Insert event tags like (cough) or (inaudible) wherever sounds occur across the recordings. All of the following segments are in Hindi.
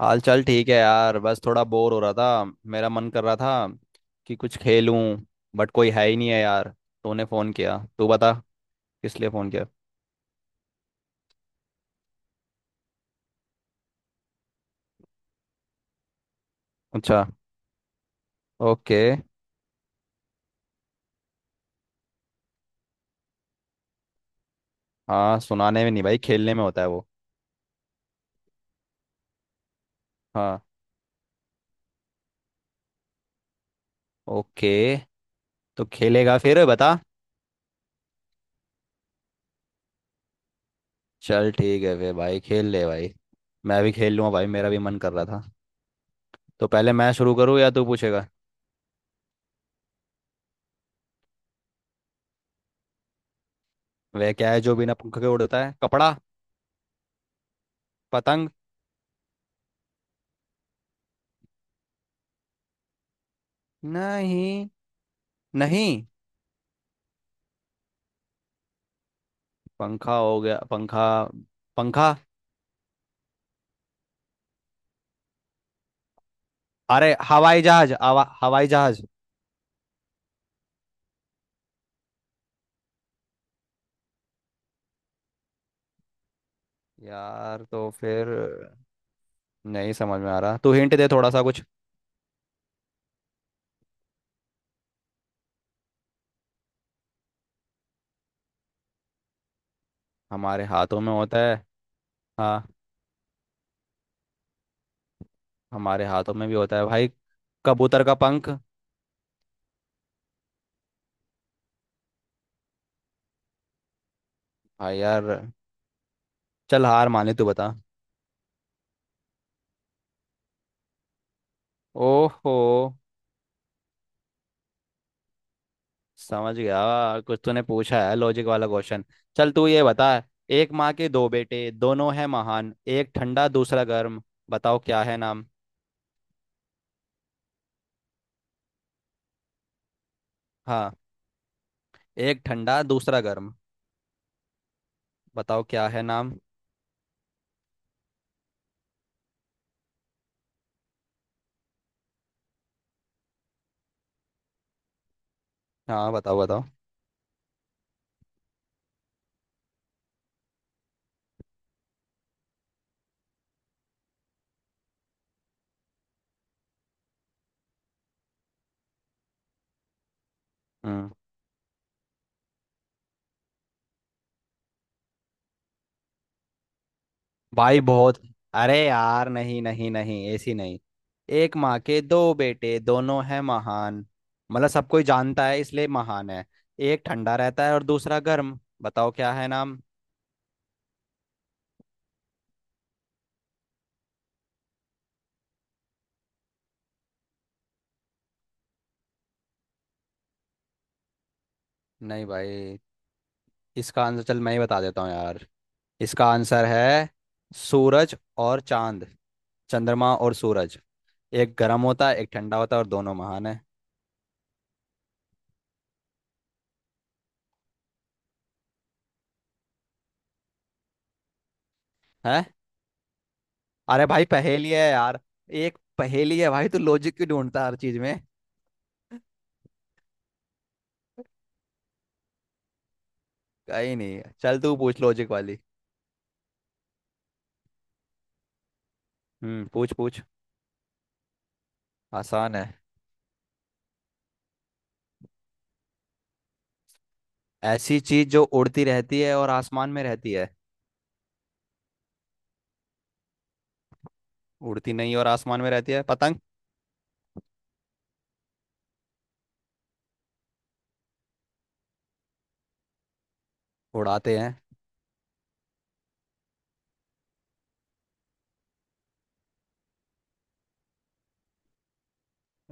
हाल चाल ठीक है यार। बस थोड़ा बोर हो रहा था। मेरा मन कर रहा था कि कुछ खेलूं। बट कोई है ही नहीं है यार। तूने फ़ोन किया, तू बता किस लिए फ़ोन किया। अच्छा। ओके। हाँ, सुनाने में नहीं भाई, खेलने में होता है वो। हाँ। ओके। तो खेलेगा फिर बता। चल ठीक है फिर भाई, खेल ले भाई। मैं भी खेल लूँगा भाई, मेरा भी मन कर रहा था। तो पहले मैं शुरू करूँ या तू पूछेगा? वह क्या है जो बिना पंख के उड़ता है? कपड़ा? पतंग? नहीं नहीं। पंखा हो गया, पंखा। पंखा। अरे हवाई जहाज, हवाई जहाज। यार तो फिर नहीं समझ में आ रहा, तू हिंट दे थोड़ा सा कुछ। हमारे हाथों में होता है? हाँ हमारे हाथों में भी होता है भाई। कबूतर का पंख? भाई यार। चल हार माने, तू बता। ओहो। समझ गया, कुछ तूने पूछा है लॉजिक वाला क्वेश्चन। चल तू ये बता। एक माँ के दो बेटे, दोनों हैं महान, एक ठंडा दूसरा गर्म। बताओ क्या है नाम? हाँ। एक ठंडा दूसरा गर्म। बताओ क्या है नाम? हाँ, बताओ बताओ। हम्म। भाई बहुत। अरे यार नहीं नहीं नहीं, ऐसी नहीं। एक माँ के दो बेटे दोनों हैं महान। मतलब सब कोई जानता है इसलिए महान है। एक ठंडा रहता है और दूसरा गर्म, बताओ क्या है नाम? नहीं भाई। इसका आंसर चल मैं ही बता देता हूँ यार। इसका आंसर है सूरज और चांद, चंद्रमा और सूरज। एक गर्म होता है, एक ठंडा होता है, और दोनों महान है। है। अरे भाई पहेली है यार। एक पहेली है भाई, तू लॉजिक क्यों ढूंढता है हर चीज में। कहीं नहीं है। चल तू पूछ लॉजिक वाली। पूछ पूछ। आसान है। ऐसी चीज जो उड़ती रहती है और आसमान में रहती है? उड़ती नहीं और आसमान में रहती है, पतंग? उड़ाते हैं।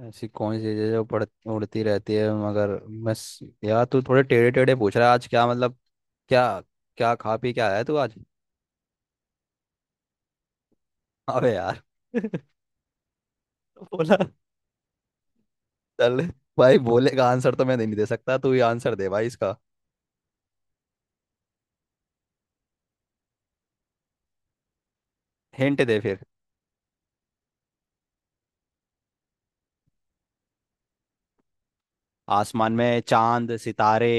ऐसी कौन सी चीज है जो पड़ उड़ती रहती है मगर, बस। यार तू थोड़े टेढ़े टेढ़े पूछ रहा है आज, क्या मतलब? क्या क्या खा पी क्या आया तू आज? अबे यार। (laughs) बोला। चल भाई, बोलेगा आंसर तो मैं नहीं दे सकता, तू ही आंसर दे भाई इसका। हिंट दे फिर। आसमान में चांद सितारे,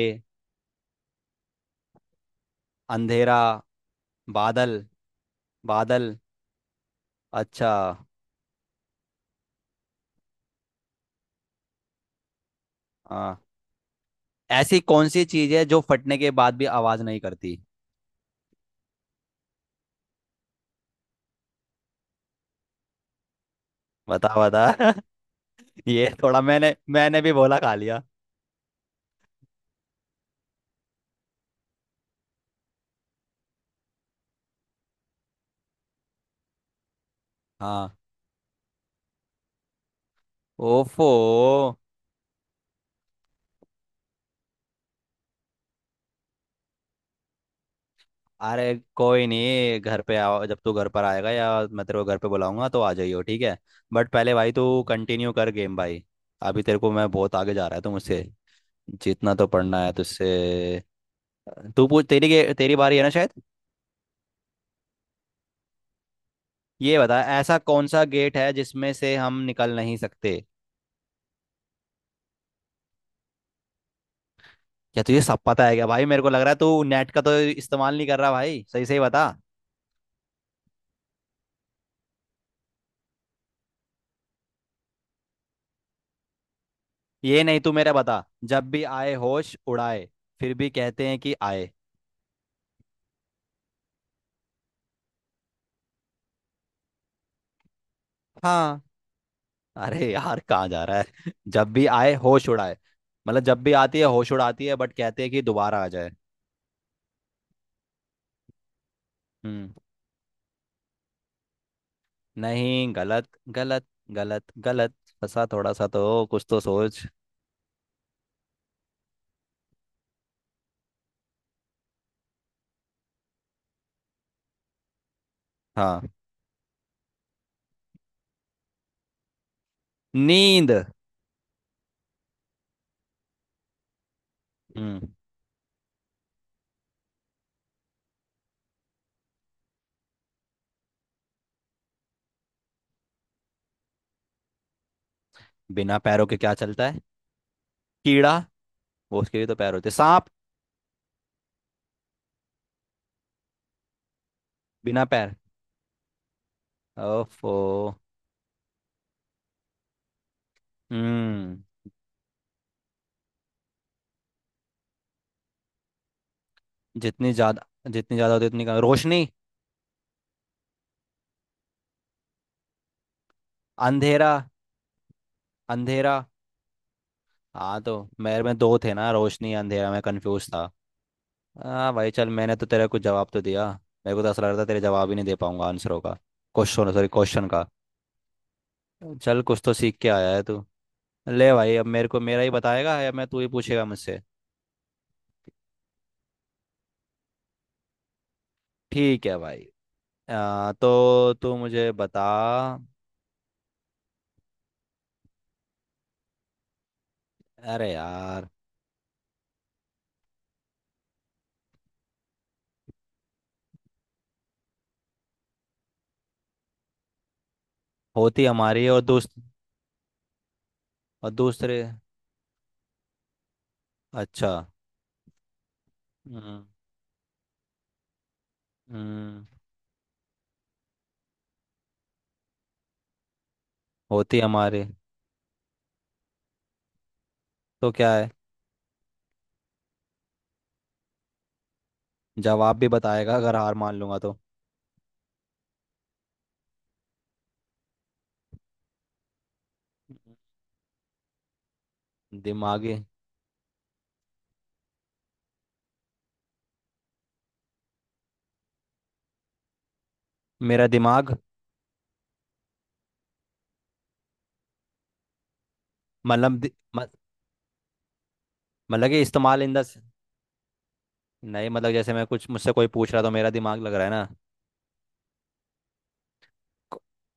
अंधेरा, बादल। बादल। अच्छा। हाँ। ऐसी कौन सी चीज है जो फटने के बाद भी आवाज नहीं करती? बता बता। (laughs) ये थोड़ा मैंने मैंने भी बोला खा लिया। हाँ। ओफो। अरे कोई नहीं, घर पे आओ जब तू घर पर आएगा, या मैं तेरे को घर पे बुलाऊंगा तो आ जाइयो, ठीक है। बट पहले भाई तू कंटिन्यू कर गेम भाई। अभी तेरे को मैं बहुत आगे जा रहा है तो मुझसे जीतना तो पड़ना है तुझसे। तू पूछ, तेरी बारी है ना शायद। ये बता, ऐसा कौन सा गेट है जिसमें से हम निकल नहीं सकते? क्या तुझे सब पता है क्या भाई? मेरे को लग रहा है तू नेट का तो इस्तेमाल नहीं कर रहा भाई, सही सही बता। ये नहीं, तू मेरा बता। जब भी आए होश उड़ाए, फिर भी कहते हैं कि आए। हाँ। अरे यार कहाँ जा रहा है। (laughs) जब भी आए होश उड़ाए, मतलब जब भी आती है होश उड़ाती है, बट कहते हैं कि दोबारा आ जाए। हम्म। नहीं, गलत। गलत गलत गलत। फंसा थोड़ा सा तो, कुछ तो सोच। हाँ। नींद। हम्म। बिना पैरों के क्या चलता है? कीड़ा। वो उसके भी तो पैर होते हैं। सांप। बिना पैर। ओफो। हम्म। जितनी ज्यादा, जितनी ज्यादा होती है, उतनी कम रोशनी? अंधेरा। अंधेरा। हाँ तो मेरे में दो थे ना, रोशनी अंधेरा, मैं कंफ्यूज था। हाँ भाई, चल मैंने तो तेरा कुछ जवाब तो दिया। मेरे को तो ऐसा लग रहा था तेरे जवाब ही नहीं दे पाऊंगा आंसरों का, क्वेश्चन, सॉरी क्वेश्चन का। चल कुछ तो सीख के आया है तू। ले भाई, अब मेरे को मेरा ही बताएगा या मैं, तू ही पूछेगा मुझसे? ठीक है भाई। तो तू मुझे बता। अरे यार। होती हमारी है और दूसरे। अच्छा। हम्म। हम्म, होती हमारी। तो क्या है? जवाब भी बताएगा अगर हार मान लूंगा तो? दिमागी। मेरा दिमाग। मतलब दि, म- मतलब कि इस्तेमाल इन द। नहीं मतलब जैसे मैं कुछ मुझसे कोई पूछ रहा तो मेरा दिमाग लग रहा है ना।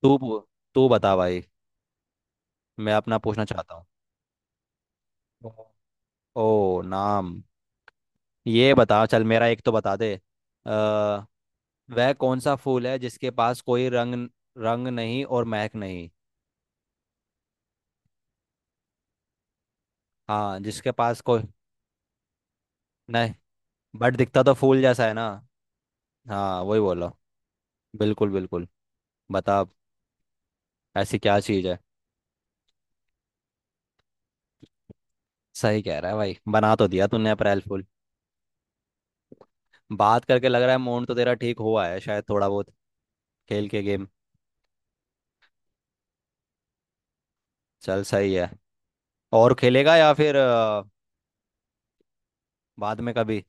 तू पू- तू बता भाई, मैं अपना पूछना चाहता हूँ। ओ नाम। ये बता, चल मेरा एक तो बता दे। अ, वह कौन सा फूल है जिसके पास कोई रंग, रंग नहीं और महक नहीं? हाँ, जिसके पास कोई नहीं। बट दिखता तो फूल जैसा है ना? हाँ वही बोलो। बिल्कुल बिल्कुल। बता अब, ऐसी क्या चीज है? सही कह रहा है भाई, बना तो दिया तूने अप्रैल फूल। बात करके लग रहा है मूड तो तेरा ठीक हुआ है शायद थोड़ा बहुत, खेल के गेम। चल सही है। और खेलेगा या फिर बाद में कभी?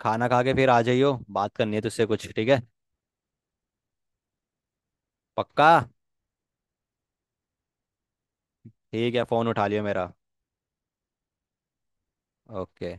खाना खा के फिर आ जाइयो, बात करनी है तुझसे कुछ, ठीक है? पक्का? ठीक है, फोन उठा लियो मेरा। ओके।